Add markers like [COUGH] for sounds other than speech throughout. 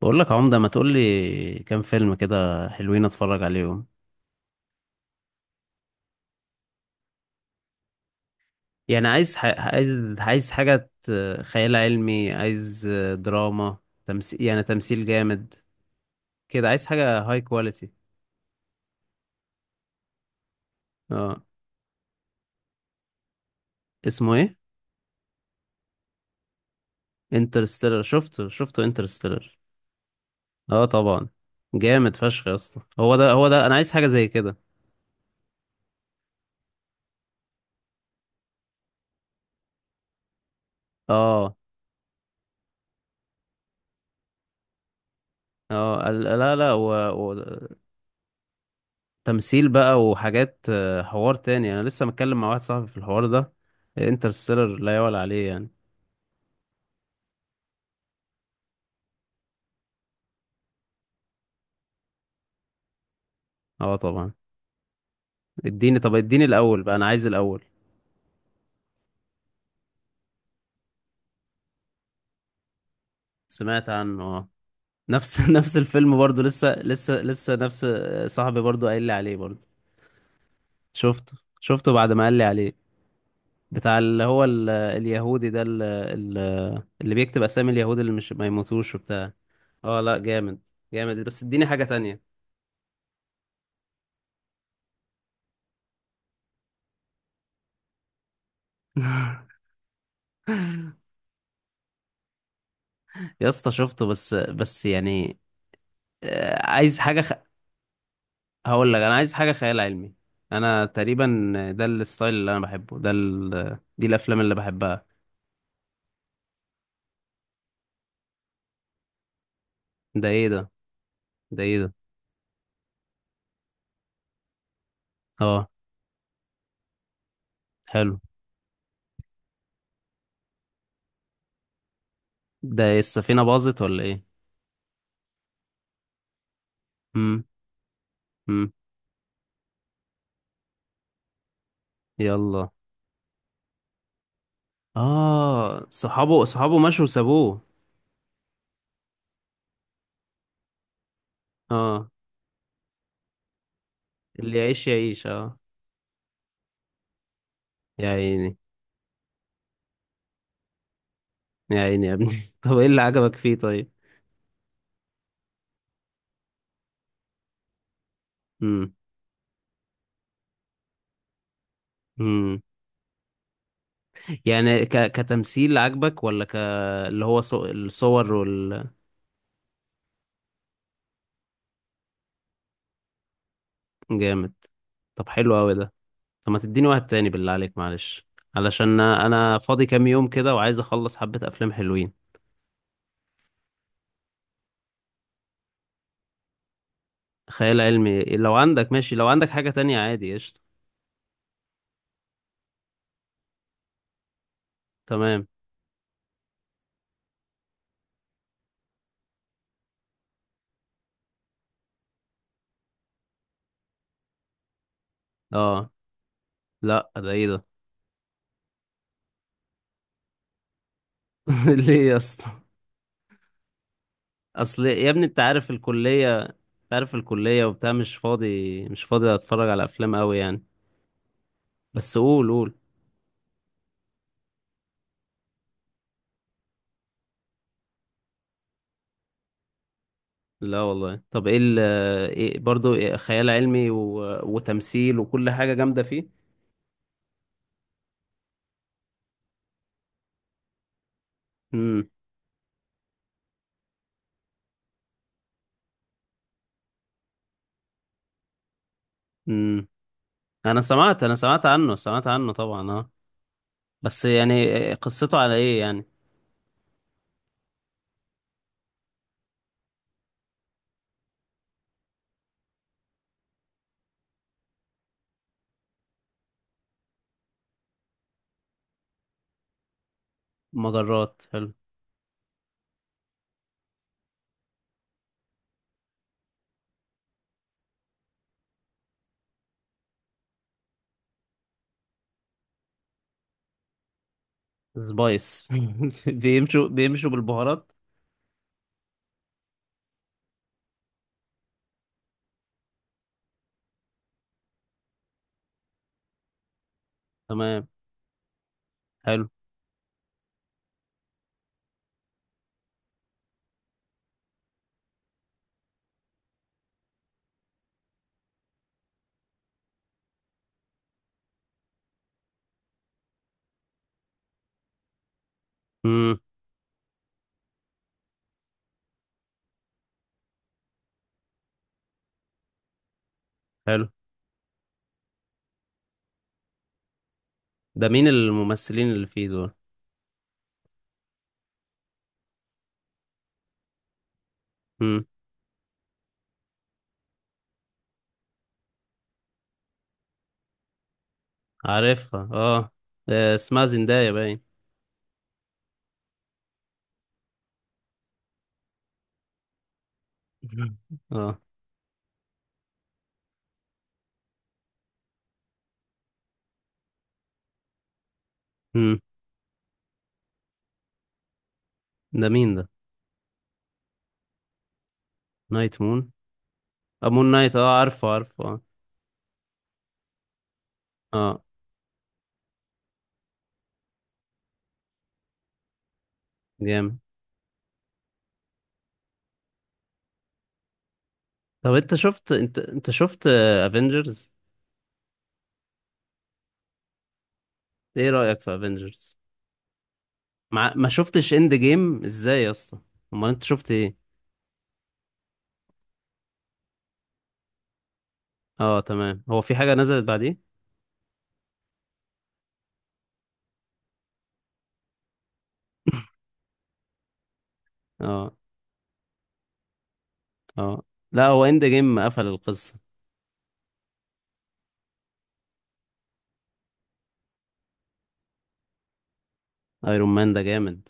بقول لك عمدة ما تقول لي كام فيلم كده حلوين اتفرج عليهم. يعني عايز عايز حاجة خيال علمي، عايز دراما، تمثيل، يعني تمثيل جامد كده، عايز حاجة هاي كواليتي. اه. اسمه ايه؟ انترستيلر شفته انترستيلر. اه طبعا، جامد فشخ يا اسطى، هو ده انا عايز حاجة زي كده. اه. اه لا لا، تمثيل بقى وحاجات، حوار تاني، انا لسه متكلم مع واحد صاحبي في الحوار ده. انترستيلر لا يعلى عليه يعني. اه طبعا. اديني، طب اديني الاول بقى، انا عايز الاول. سمعت عنه اه. نفس [LAUGHS] نفس الفيلم برضو، لسه نفس، صاحبي برضو قايل لي عليه برضو. شفته بعد ما قال لي عليه. بتاع اللي هو اليهودي ده، اللي بيكتب اسامي اليهود اللي مش ما يموتوش وبتاع. اه لا جامد. جامد بس اديني حاجة تانية. [LAUGHS] يا اسطى شفته بس يعني، عايز هقول لك أنا عايز حاجة خيال علمي. أنا تقريبا ده الستايل اللي أنا بحبه، دي الأفلام اللي بحبها. ده إيه ده؟ ده إيه ده؟ أه، حلو. ده إيه؟ السفينة باظت ولا إيه؟ مم. مم. يلا. آه، صحابه صحابه مشوا وسابوه. أه. اللي يعيش يعيش أه. يا عيني، يا عيني يا ابني. [LAUGHS] طب إيه اللي عجبك فيه طيب؟ مم. مم. يعني كتمثيل عجبك ولا اللي هو الصور وال... جامد. طب حلو قوي ده. طب ما تديني واحد تاني بالله عليك، معلش، علشان انا فاضي كام يوم كده وعايز اخلص حبة افلام حلوين. خيال علمي، لو عندك ماشي، لو عندك حاجة تانية عادي قشطة. تمام. اه لا، ده ايه ده؟ [LAUGHS] ليه يا اسطى؟ اصل يا ابني انت عارف الكلية، انت عارف الكلية وبتاع، مش فاضي اتفرج على افلام قوي يعني. بس قول. لا والله، طب ايه, إيه برضو؟ إيه، خيال علمي وتمثيل وكل حاجة جامدة فيه. امم. انا سمعت عنه طبعا اه. بس يعني، قصته على ايه يعني؟ مجرات، حلو. سبايس. [LAUGHS] بيمشوا بيمشوا بالبهارات. تمام. حلو. امم. حلو. ده مين الممثلين اللي فيه دول؟ امم. عارفها اه. اسمها زندايا باين. [LAUGHS] اه. امم. ده مين ده؟ نايت مون، امون نايت، اه عارفه عارفه اه. اه جامد. طب انت شفت، انت شفت افنجرز؟ ايه رأيك في افنجرز؟ ما ما شفتش اند جيم ازاي يا اسطى؟ امال انت شفت ايه؟ اه تمام، هو في حاجه نزلت بعديه؟ اه. اه لا، هو اند جيم قفل القصه. ايرون مان ده جامد.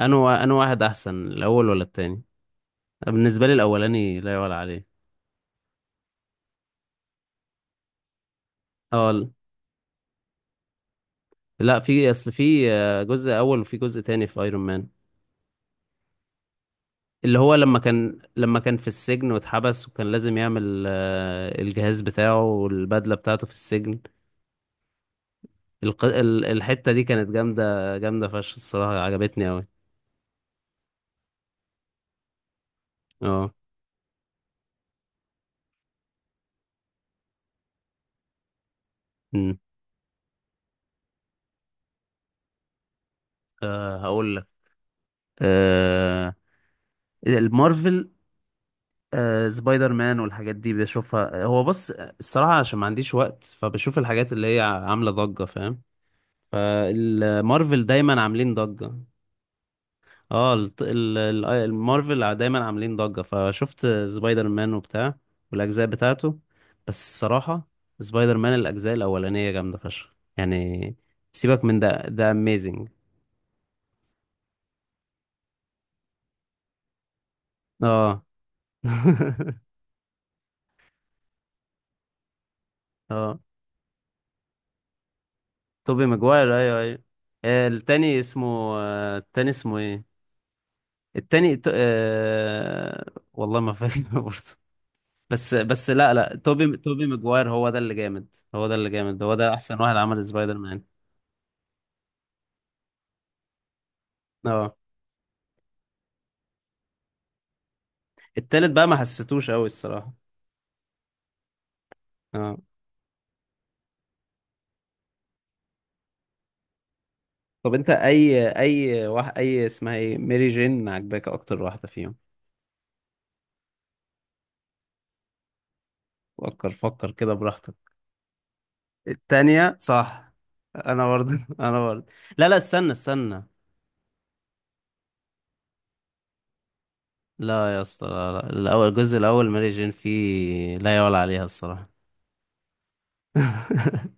انا واحد احسن، الاول ولا التاني؟ بالنسبه لي الاولاني لا يعلى عليه. اه لا، في اصل في، جزء اول وفي جزء تاني في ايرون مان. اللي هو لما كان في السجن واتحبس، وكان لازم يعمل، الجهاز بتاعه والبدله بتاعته في السجن. الحته دي كانت جامده فشخ الصراحه، عجبتني قوي. اه. امم. أه هقول لك. أه المارفل. أه، سبايدر مان والحاجات دي بشوفها، هو بص الصراحة عشان ما عنديش وقت، فبشوف الحاجات اللي هي عاملة ضجة، فاهم؟ فالمارفل دايما عاملين ضجة. اه المارفل دايما عاملين ضجة، فشفت سبايدر مان وبتاع والأجزاء بتاعته. بس الصراحة سبايدر مان الأجزاء الأولانية جامدة فشخ يعني. سيبك من ده، ده اميزنج. اه. [LAUGHS] اه توبي ماجواير، ايوه ايوه. آه، التاني اسمه التاني اسمه ايه؟ التاني والله ما فاكر [LAUGHS] برضه. بس لا لا، توبي ماجواير هو ده اللي جامد، هو ده اللي جامد. هو ده احسن واحد عمل سبايدر مان. اه. التالت بقى ما حسيتوش قوي الصراحة. اه. طب انت اي اي واحد اي اسمها ايه، ميري جين، عجباك اكتر واحدة فيهم؟ فكر فكر كده براحتك. التانية صح. انا برضه. [LAUGHS] انا برضه لا لا، استنى استنى. لا يا اسطى لا لا، الأول، الجزء الأول ماري جين فيه لا يعلى عليها الصراحة. [LAUGHS]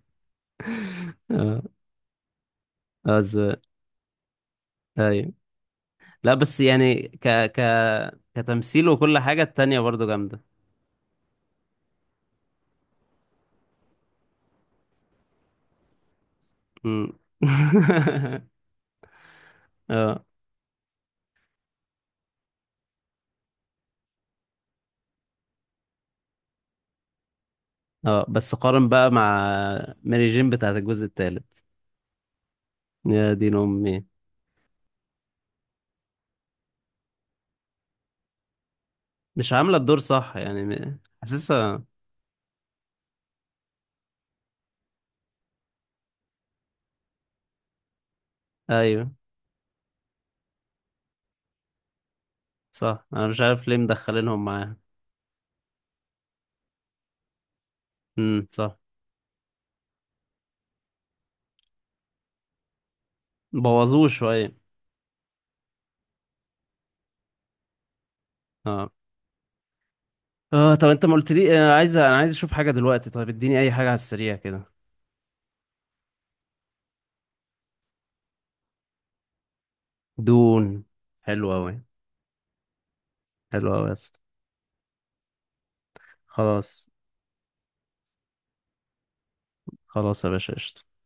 اه. آه، ز- أيوة. لا بس يعني ك ك كتمثيل وكل حاجة التانية برضو جامدة. أمم. [LAUGHS] اه. اه بس قارن بقى مع ماري جين بتاعت الجزء التالت، يا دين أمي. مش عاملة الدور صح يعني، حاسسها. أيوة صح، أنا مش عارف ليه مدخلينهم معاها. صح. بوظوه شوية. اه. اه طب انت ما قلت لي، انا عايز اشوف حاجه دلوقتي، طيب اديني اي حاجه على السريع كده. دون. حلو قوي. حلو قوي يا اسطى. خلاص. خلاص يا باشا قشطة.